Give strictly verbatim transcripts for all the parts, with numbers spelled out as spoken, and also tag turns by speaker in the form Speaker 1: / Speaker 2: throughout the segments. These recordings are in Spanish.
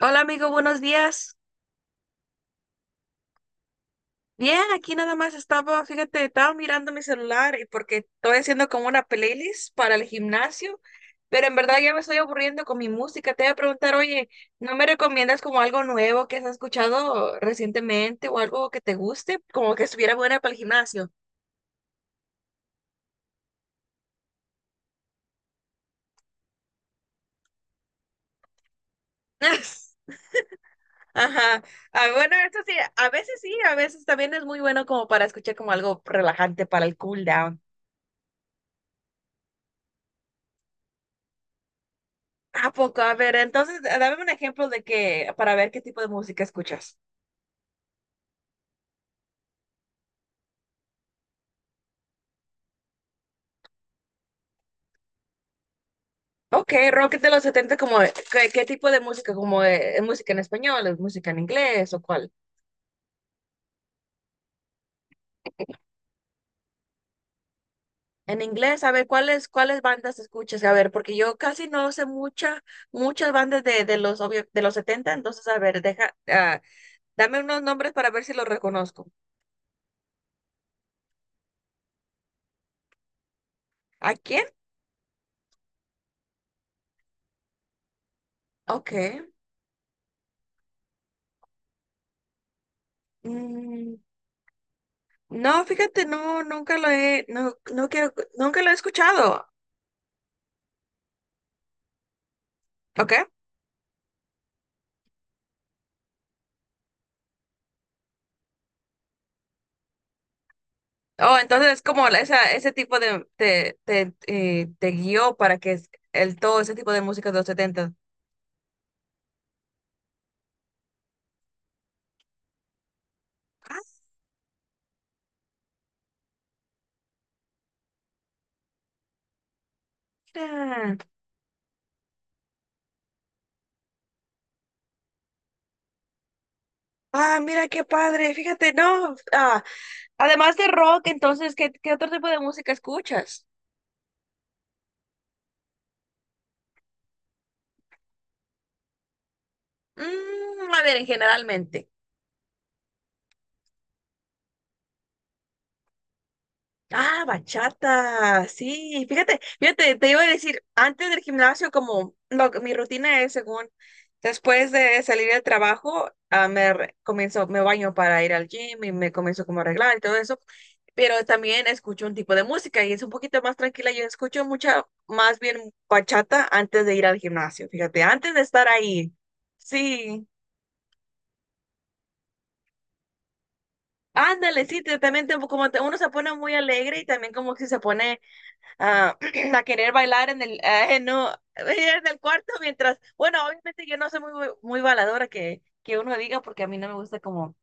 Speaker 1: Hola amigo, buenos días. Bien, aquí nada más estaba, fíjate, estaba mirando mi celular y porque estoy haciendo como una playlist para el gimnasio, pero en verdad ya me estoy aburriendo con mi música. Te voy a preguntar, oye, ¿no me recomiendas como algo nuevo que has escuchado recientemente o algo que te guste, como que estuviera buena para el gimnasio? Ajá. Ah, bueno, eso sí, a veces sí, a veces también es muy bueno como para escuchar como algo relajante para el cool down. ¿A poco? A ver, entonces, eh, dame un ejemplo de que, para ver qué tipo de música escuchas. Ok, rock de los setenta, como, ¿qué, qué tipo de música? ¿Como eh, música en español, es música en inglés o cuál? En inglés, a ver, ¿cuáles, cuáles bandas escuchas? A ver, porque yo casi no sé mucha, muchas bandas de, de los, obvio- de los setenta. Entonces, a ver, deja, ah, dame unos nombres para ver si los reconozco. ¿A quién? Ok. Mm, no, fíjate, no, nunca lo he, no, no quiero- nunca lo he escuchado. ¿Ok? Oh, entonces es como la- esa, ese tipo de, te, te, eh, te guió para que es- el, todo ese tipo de música de los setenta. Ah, mira. Ah, mira qué padre, fíjate, no. Ah, además de rock, entonces, ¿qué, qué otro tipo de música escuchas? Mm, a ver, generalmente. Ah, bachata, sí, fíjate, fíjate, te iba a decir, antes del gimnasio, como lo, que- mi rutina es según, después de salir del trabajo, ah, me re- comienzo, me baño para ir al gym y me comienzo como a arreglar y todo eso, pero también escucho un tipo de música y es un poquito más tranquila, yo escucho mucha, más bien bachata antes de ir al gimnasio, fíjate, antes de estar ahí, sí, ándale, sí, te- también te- como te- uno se pone muy alegre y también como que se pone a, a querer bailar en el, eh, no, en el cuarto mientras, bueno, obviamente yo no soy muy, muy bailadora que, que uno diga porque a mí no me gusta como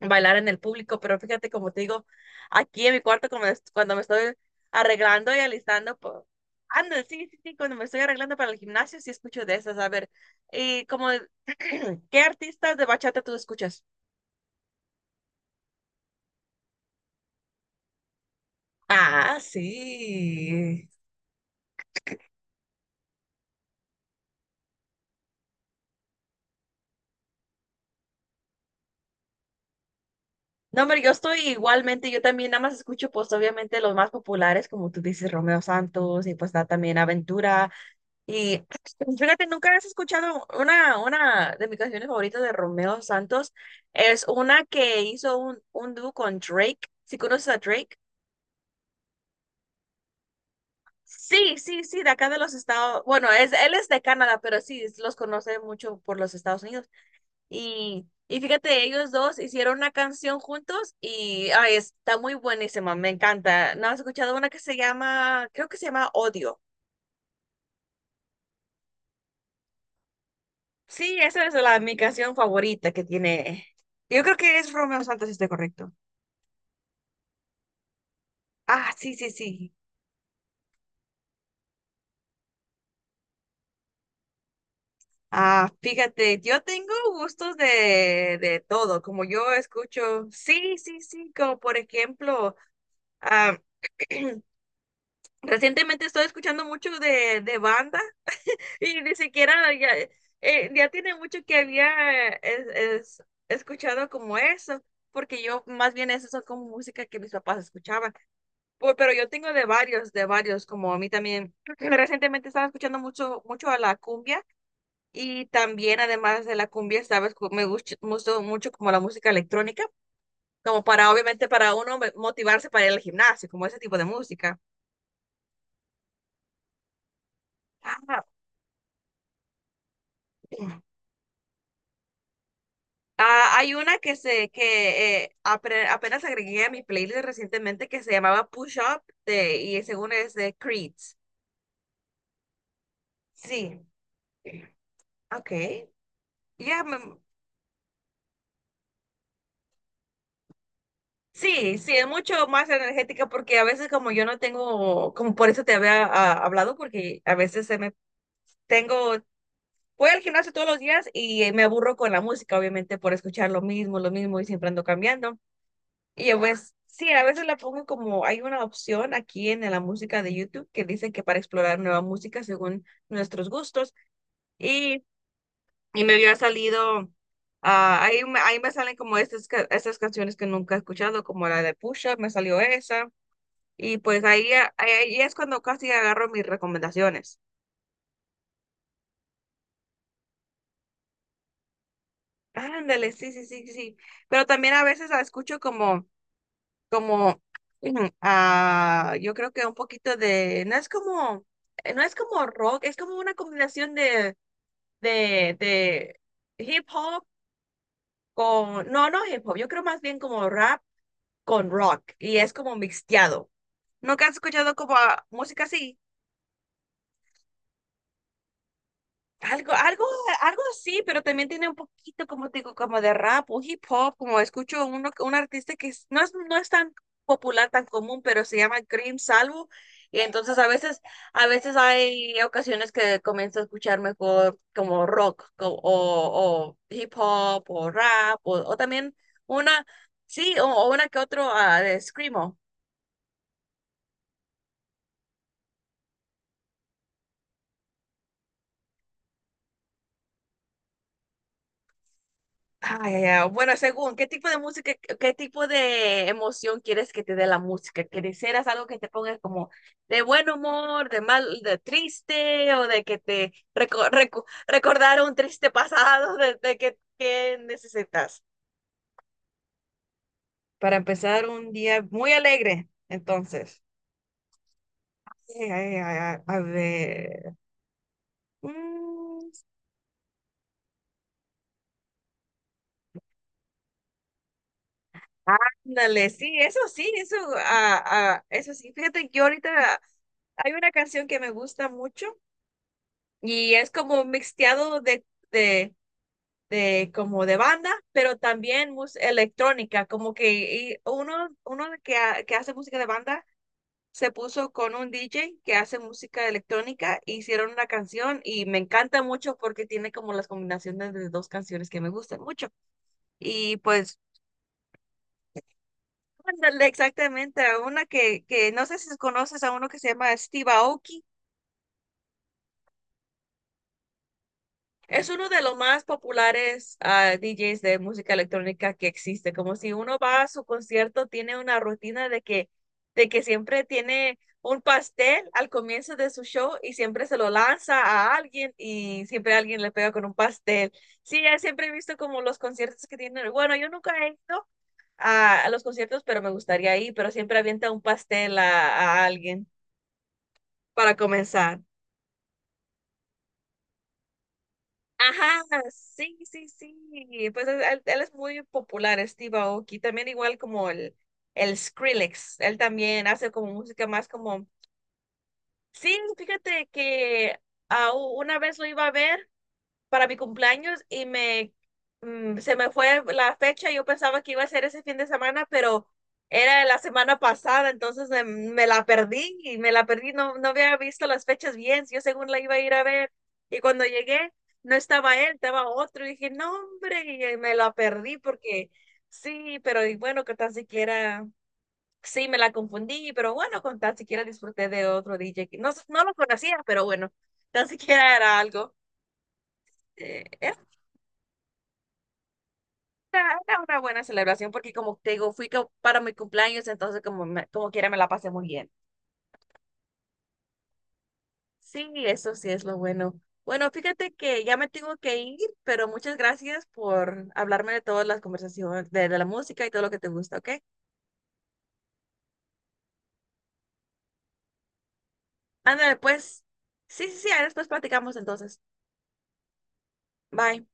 Speaker 1: bailar en el público, pero fíjate como te digo, aquí en mi cuarto como es- cuando me estoy arreglando y alistando, pues, ando, sí, sí, sí, cuando me estoy arreglando para el gimnasio sí escucho de esas, a ver, y como, ¿qué artistas de bachata tú escuchas? Ah, sí. No, hombre, yo estoy igualmente, yo también nada más escucho pues obviamente los más populares, como tú dices, Romeo Santos y pues da también Aventura. Y fíjate, nunca has escuchado una, una de mis canciones favoritas de Romeo Santos, es una que hizo un, un dúo con Drake. ¿Sí conoces a Drake? Sí, sí, sí, de acá de los Estados, bueno, es, él es de Canadá, pero sí, es- los conoce mucho por los Estados Unidos. Y, y fíjate, ellos dos hicieron una canción juntos y ay, está muy buenísima, me encanta. ¿No has escuchado una que se llama, creo que se llama Odio? Sí, esa es la, mi canción favorita que tiene. Yo creo que es Romeo Santos, si estoy correcto. Ah, sí, sí, sí. Ah, fíjate, yo tengo gustos de, de todo, como yo escucho, sí, sí, sí, como por ejemplo, ah, recientemente estoy escuchando mucho de, de bandas. Y ni siquiera ya, eh, ya tiene mucho que había eh, es- es- escuchado como eso, porque yo más bien eso son como música que mis papás escuchaban. Pu- pero yo tengo de varios, de varios, como a mí también. Recientemente estaba escuchando mucho, mucho a la cumbia y también además de la cumbia, sabes, Cu- me gusta mucho, mucho como la música electrónica, como para obviamente para uno me- motivarse para ir al gimnasio, como ese tipo de música. Ah. Ah, hay una que se que eh, apre- apenas agregué a mi playlist recientemente que se llamaba Push Up de, y según es de Creed. Sí, ok. Ya, me- sí, sí, es mucho más energética porque a veces como yo no tengo, como por eso te había ah, hablado, porque a veces se me tengo, voy al gimnasio todos los días y me aburro con la música, obviamente, por escuchar lo mismo, lo mismo y siempre ando cambiando. Y yo pues, sí, a veces la pongo como, hay una opción aquí en la música de YouTube que dice que para explorar nueva música según nuestros gustos. Y, y me había salido, ah, ahí, me- ahí me salen como estas, ca- estas canciones que nunca he escuchado, como la de Push Up, me salió esa. Y pues ahí, a- ahí es cuando casi agarro mis recomendaciones. Ándale, sí, sí, sí, sí. Pero también a veces la escucho como como mm, ah, yo creo que un poquito de, no es como, eh, no es como rock, es como una combinación de, de, de hip hop con, no, no hip hop, yo creo más bien como rap con rock y es como mixteado. ¿Nunca has escuchado como ah, música así? Algo, algo, algo así, pero también tiene un poquito, como te digo, como de rap o hip hop, como escucho uno, un artista que es- no es, no es tan popular, tan común, pero se llama Cream Salvo. Y entonces a veces, a veces hay ocasiones que comienzo a escuchar mejor como rock co- o, o hip hop o rap o, o también una, sí, o, o una que otro ah, de Screamo. Ay, ay, ay. Bueno, según, ¿qué tipo de música, qué tipo de emoción quieres que te dé la música? ¿Quisieras algo que te ponga como de buen humor, de mal, de triste, o de que te reco- reco- recordar un triste pasado, de, de que, que necesitas? Para empezar un día muy alegre, entonces. Ay, ay, ay, ay, a ver. Mm, ándale, sí, eso sí, eso, ah, ah, eso sí. Fíjate que yo ahorita hay una canción que me gusta mucho y es como un mixteado de, de, de como de banda, pero también música electrónica, como que uno, uno que, ha- que hace música de banda se puso con un D J que hace música electrónica, hicieron una canción y me encanta mucho porque tiene como las combinaciones de dos canciones que me gustan mucho. Y pues, ándale, exactamente, a una que, que no sé si conoces a uno que se llama Steve Aoki. Es uno de los más populares ah, D Js de música electrónica que existe. Como si uno va a su concierto, tiene una rutina de que, de que siempre tiene un pastel al comienzo de su show y siempre se lo lanza a alguien y siempre alguien le pega con un pastel. Sí, ya siempre he visto como los conciertos que tienen. Bueno, yo nunca he ido a, a los conciertos, pero me gustaría ir, pero siempre avienta un pastel a, a alguien para comenzar. Ajá, sí, sí, sí. Pues él, él- él es muy popular, Steve Aoki. También igual como el, el Skrillex. Él también hace como música más como... Sí, fíjate que ah, u- una vez lo iba a ver para mi cumpleaños y me mm, se me fue la fecha. Yo pensaba que iba a ser ese fin de semana, pero era la semana pasada, entonces me, me la perdí y me la perdí. No, no había visto las fechas bien. Yo según la iba a ir a ver y cuando llegué no estaba él, estaba otro. Y dije, no, hombre, y me la perdí porque sí, pero y bueno, que tan siquiera. Sí, me la confundí, pero bueno, con tan siquiera disfruté de otro D J. Que no, no lo conocía, pero bueno, tan siquiera era algo. Eh, era Era era una buena celebración porque como te digo, fui co- para mi cumpleaños, entonces como, me- como quiera me la pasé muy bien. Sí, eso sí es lo bueno. Bueno, fíjate que ya me tengo que ir, pero muchas gracias por hablarme de todas las conversaciones, de, de la música y todo lo que te gusta, ¿ok? Ándale, pues. Sí, sí, sí, ahí después platicamos entonces. Bye.